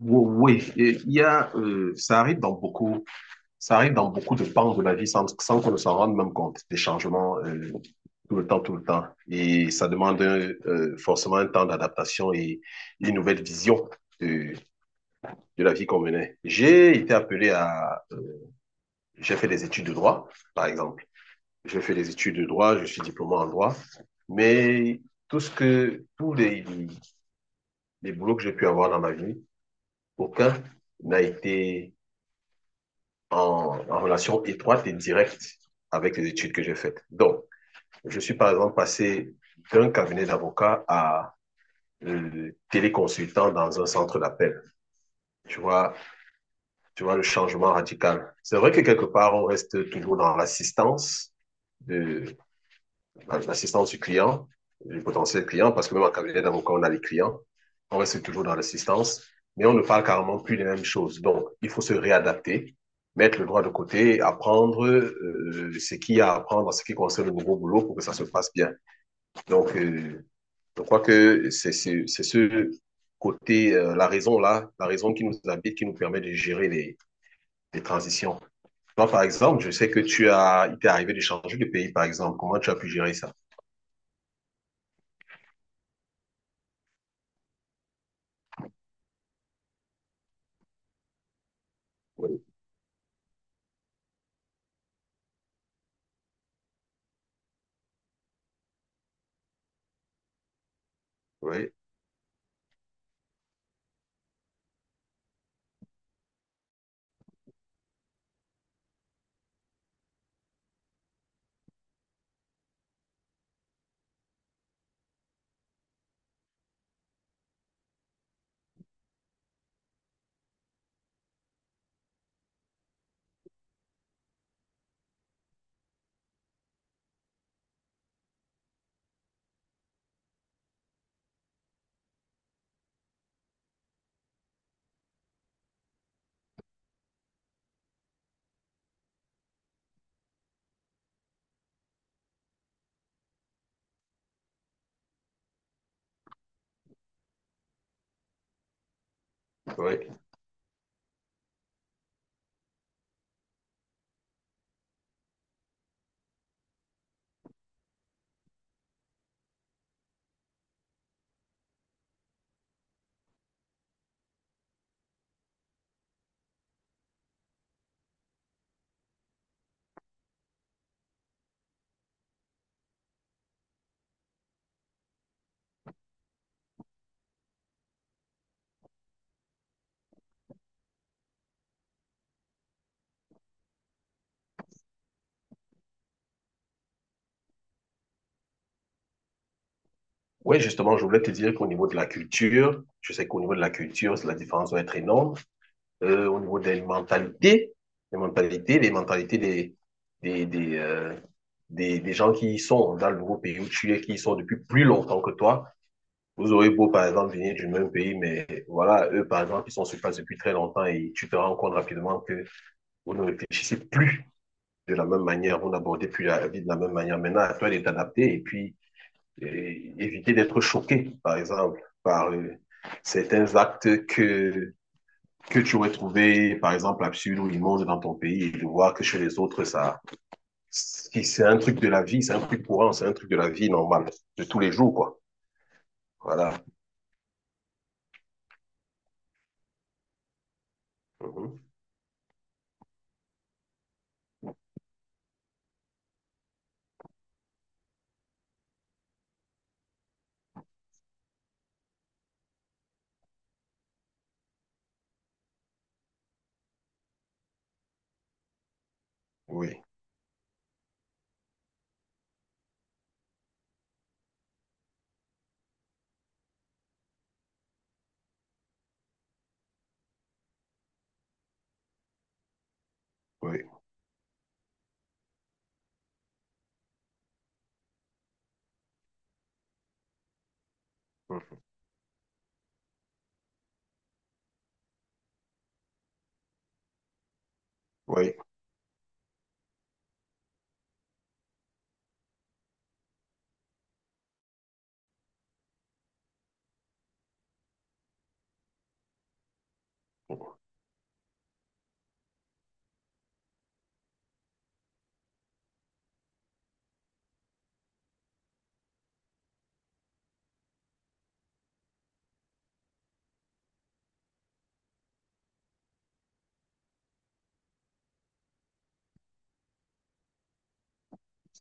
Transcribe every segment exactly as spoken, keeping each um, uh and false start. Ou- Oui, et il y a, euh, ça arrive dans beaucoup, ça arrive dans beaucoup de pans de la vie sans, sans qu'on ne s'en rende même compte, des changements euh, tout le temps, tout le temps. Et ça demande euh, forcément un temps d'adaptation et une nouvelle vision euh, de la vie qu'on menait. J'ai été appelé à, j'ai fait des études de droit, par exemple. J'ai fait des études de droit, je suis diplômé en droit, mais tout ce que, tous les, les boulots que j'ai pu avoir dans ma vie, aucun n'a été en, en relation étroite et directe avec les études que j'ai faites. Donc, je suis par exemple passé d'un cabinet d'avocat à euh, téléconsultant dans un centre d'appel. Tu vois, tu vois le changement radical. C'est vrai que quelque part, on reste toujours dans l'assistance de, l'assistance du client, du potentiel client, parce que même en cabinet d'avocat, on a les clients, on reste toujours dans l'assistance, mais on ne parle carrément plus les mêmes choses. Donc, il faut se réadapter, mettre le droit de côté, apprendre euh, ce qu'il y a à apprendre en ce qui concerne le nouveau boulot pour que ça se passe bien. Donc, euh, je crois que c'est ce côté, euh, la raison là, la raison qui nous habite, qui nous permet de gérer les, les transitions. Toi, par exemple, je sais que tu as, il t'est arrivé de changer de pays, par exemple. Comment tu as pu gérer ça? Oui, oui. Oui. Oui, justement, je voulais te dire qu'au niveau de la culture, je sais qu'au niveau de la culture, la différence doit être énorme. Euh, au niveau des mentalités, les mentalités, les mentalités des, des, des, euh, des, des gens qui y sont dans le nouveau pays où tu es, qui y sont depuis plus longtemps que toi. Vous aurez beau, par exemple, venir du même pays, mais voilà, eux, par exemple, ils sont sur place depuis très longtemps et tu te rends compte rapidement que vous ne réfléchissez plus de la même manière, vous n'abordez plus la vie de la même manière. Maintenant, à toi d'être adapté et puis et éviter d'être choqué, par exemple, par euh, certains actes que, que tu aurais trouvé, par exemple, absurdes ou immondes dans ton pays, et de voir que chez les autres, ça, c'est c'est un truc de la vie, c'est un truc courant, c'est un truc de la vie normale, de tous les jours, quoi. Voilà. Mhm. Oui, oui, mhm. Oui,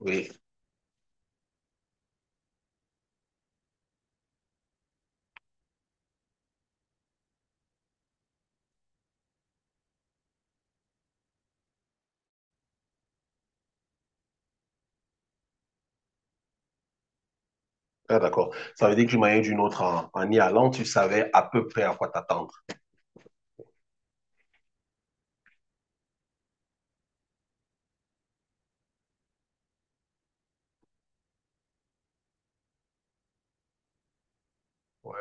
oui. Ah, d'accord. Ça veut dire que d'une manière ou d'une autre, en, en y allant, tu savais à peu près à quoi t'attendre. Ouais,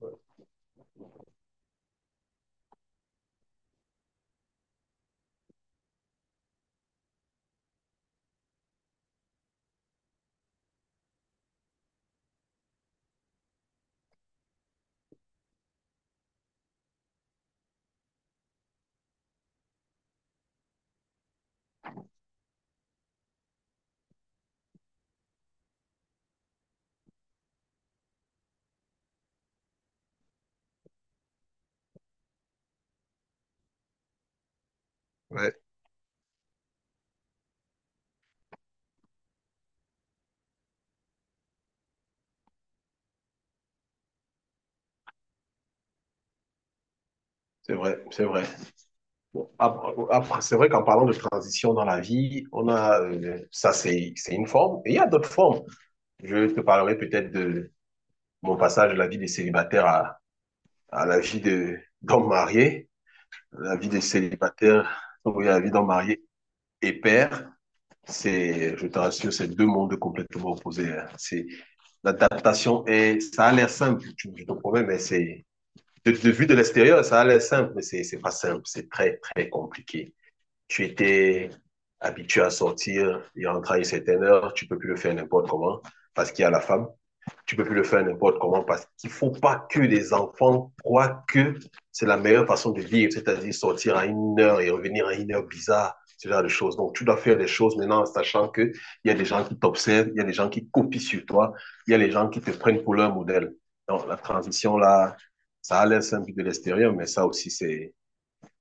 ouais, ouais, c'est vrai, c'est vrai. Bon, ap- après, c'est vrai qu'en parlant de transition dans la vie, on a, euh, ça c'est, c'est une forme, et il y a d'autres formes. Je te parlerai peut-être de mon passage de la vie de célibataire à, à la vie de, d'homme marié, la vie de célibataire, oui, la vie d'homme marié et père. C'est, je te rassure, c'est deux mondes complètement opposés, hein. C'est, l'adaptation est, ça a l'air simple, tu, je te promets, mais c'est, de, de vue de l'extérieur, ça a l'air simple, mais c'est, c'est pas simple, c'est très, très compliqué. Tu étais habitué à sortir et rentrer à une certaine heure, tu peux plus le faire n'importe comment parce qu'il y a la femme, tu peux plus le faire n'importe comment parce qu'il faut pas que les enfants croient que c'est la meilleure façon de vivre, c'est-à-dire sortir à une heure et revenir à une heure bizarre, ce genre de choses. Donc, tu dois faire des choses maintenant en sachant que il y a des gens qui t'observent, il y a des gens qui copient sur toi, il y a des gens qui te prennent pour leur modèle. Donc, la transition là, ça a l'air simple de l'extérieur, mais ça aussi, c'est,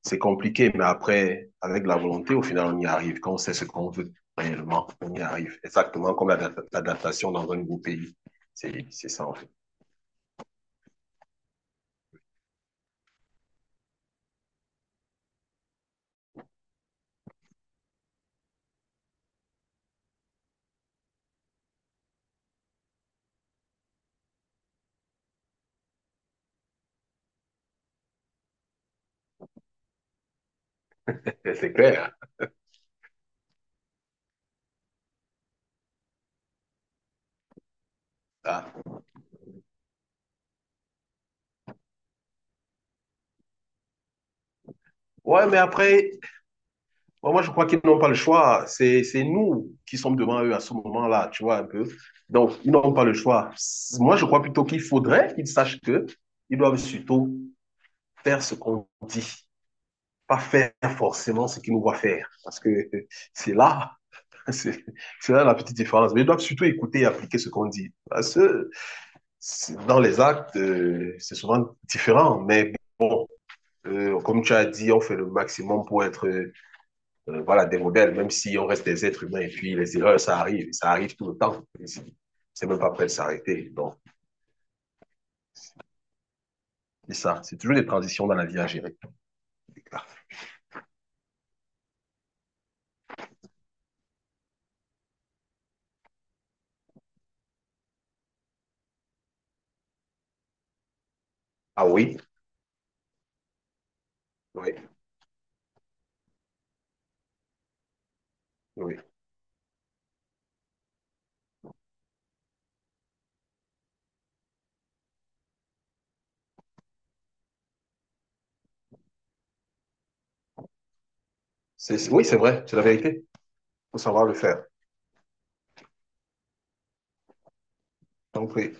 c'est compliqué, mais après, avec la volonté, au final, on y arrive. Quand on sait ce qu'on veut réellement, on y arrive. Exactement comme l'adaptation dans un nouveau pays. C'est, c'est ça, en fait. C'est c'est clair. Ça. Ouais, mais après, moi, moi, je crois qu'ils n'ont pas le choix. C'est, c'est nous qui sommes devant eux à ce moment-là, tu vois, un peu. Donc, ils n'ont pas le choix. Moi, je crois plutôt qu'il faudrait qu'ils sachent que ils doivent surtout faire ce qu'on dit. Pas faire forcément ce qu'ils nous voient faire. Parce que c'est là, c'est là la petite différence. Mais ils doivent surtout écouter et appliquer ce qu'on dit. Parce que dans les actes, euh, c'est souvent différent. Mais bon, euh, comme tu as dit, on fait le maximum pour être euh, euh, voilà, des modèles, même si on reste des êtres humains. Et puis les erreurs, ça arrive. Ça arrive tout le temps. C'est même pas prêt de s'arrêter. Donc, c'est ça. C'est toujours des transitions dans la vie à gérer. Ah oui, oui, oui. Oui, c'est vrai, c'est la vérité. Il faut savoir le faire. Donc, oui.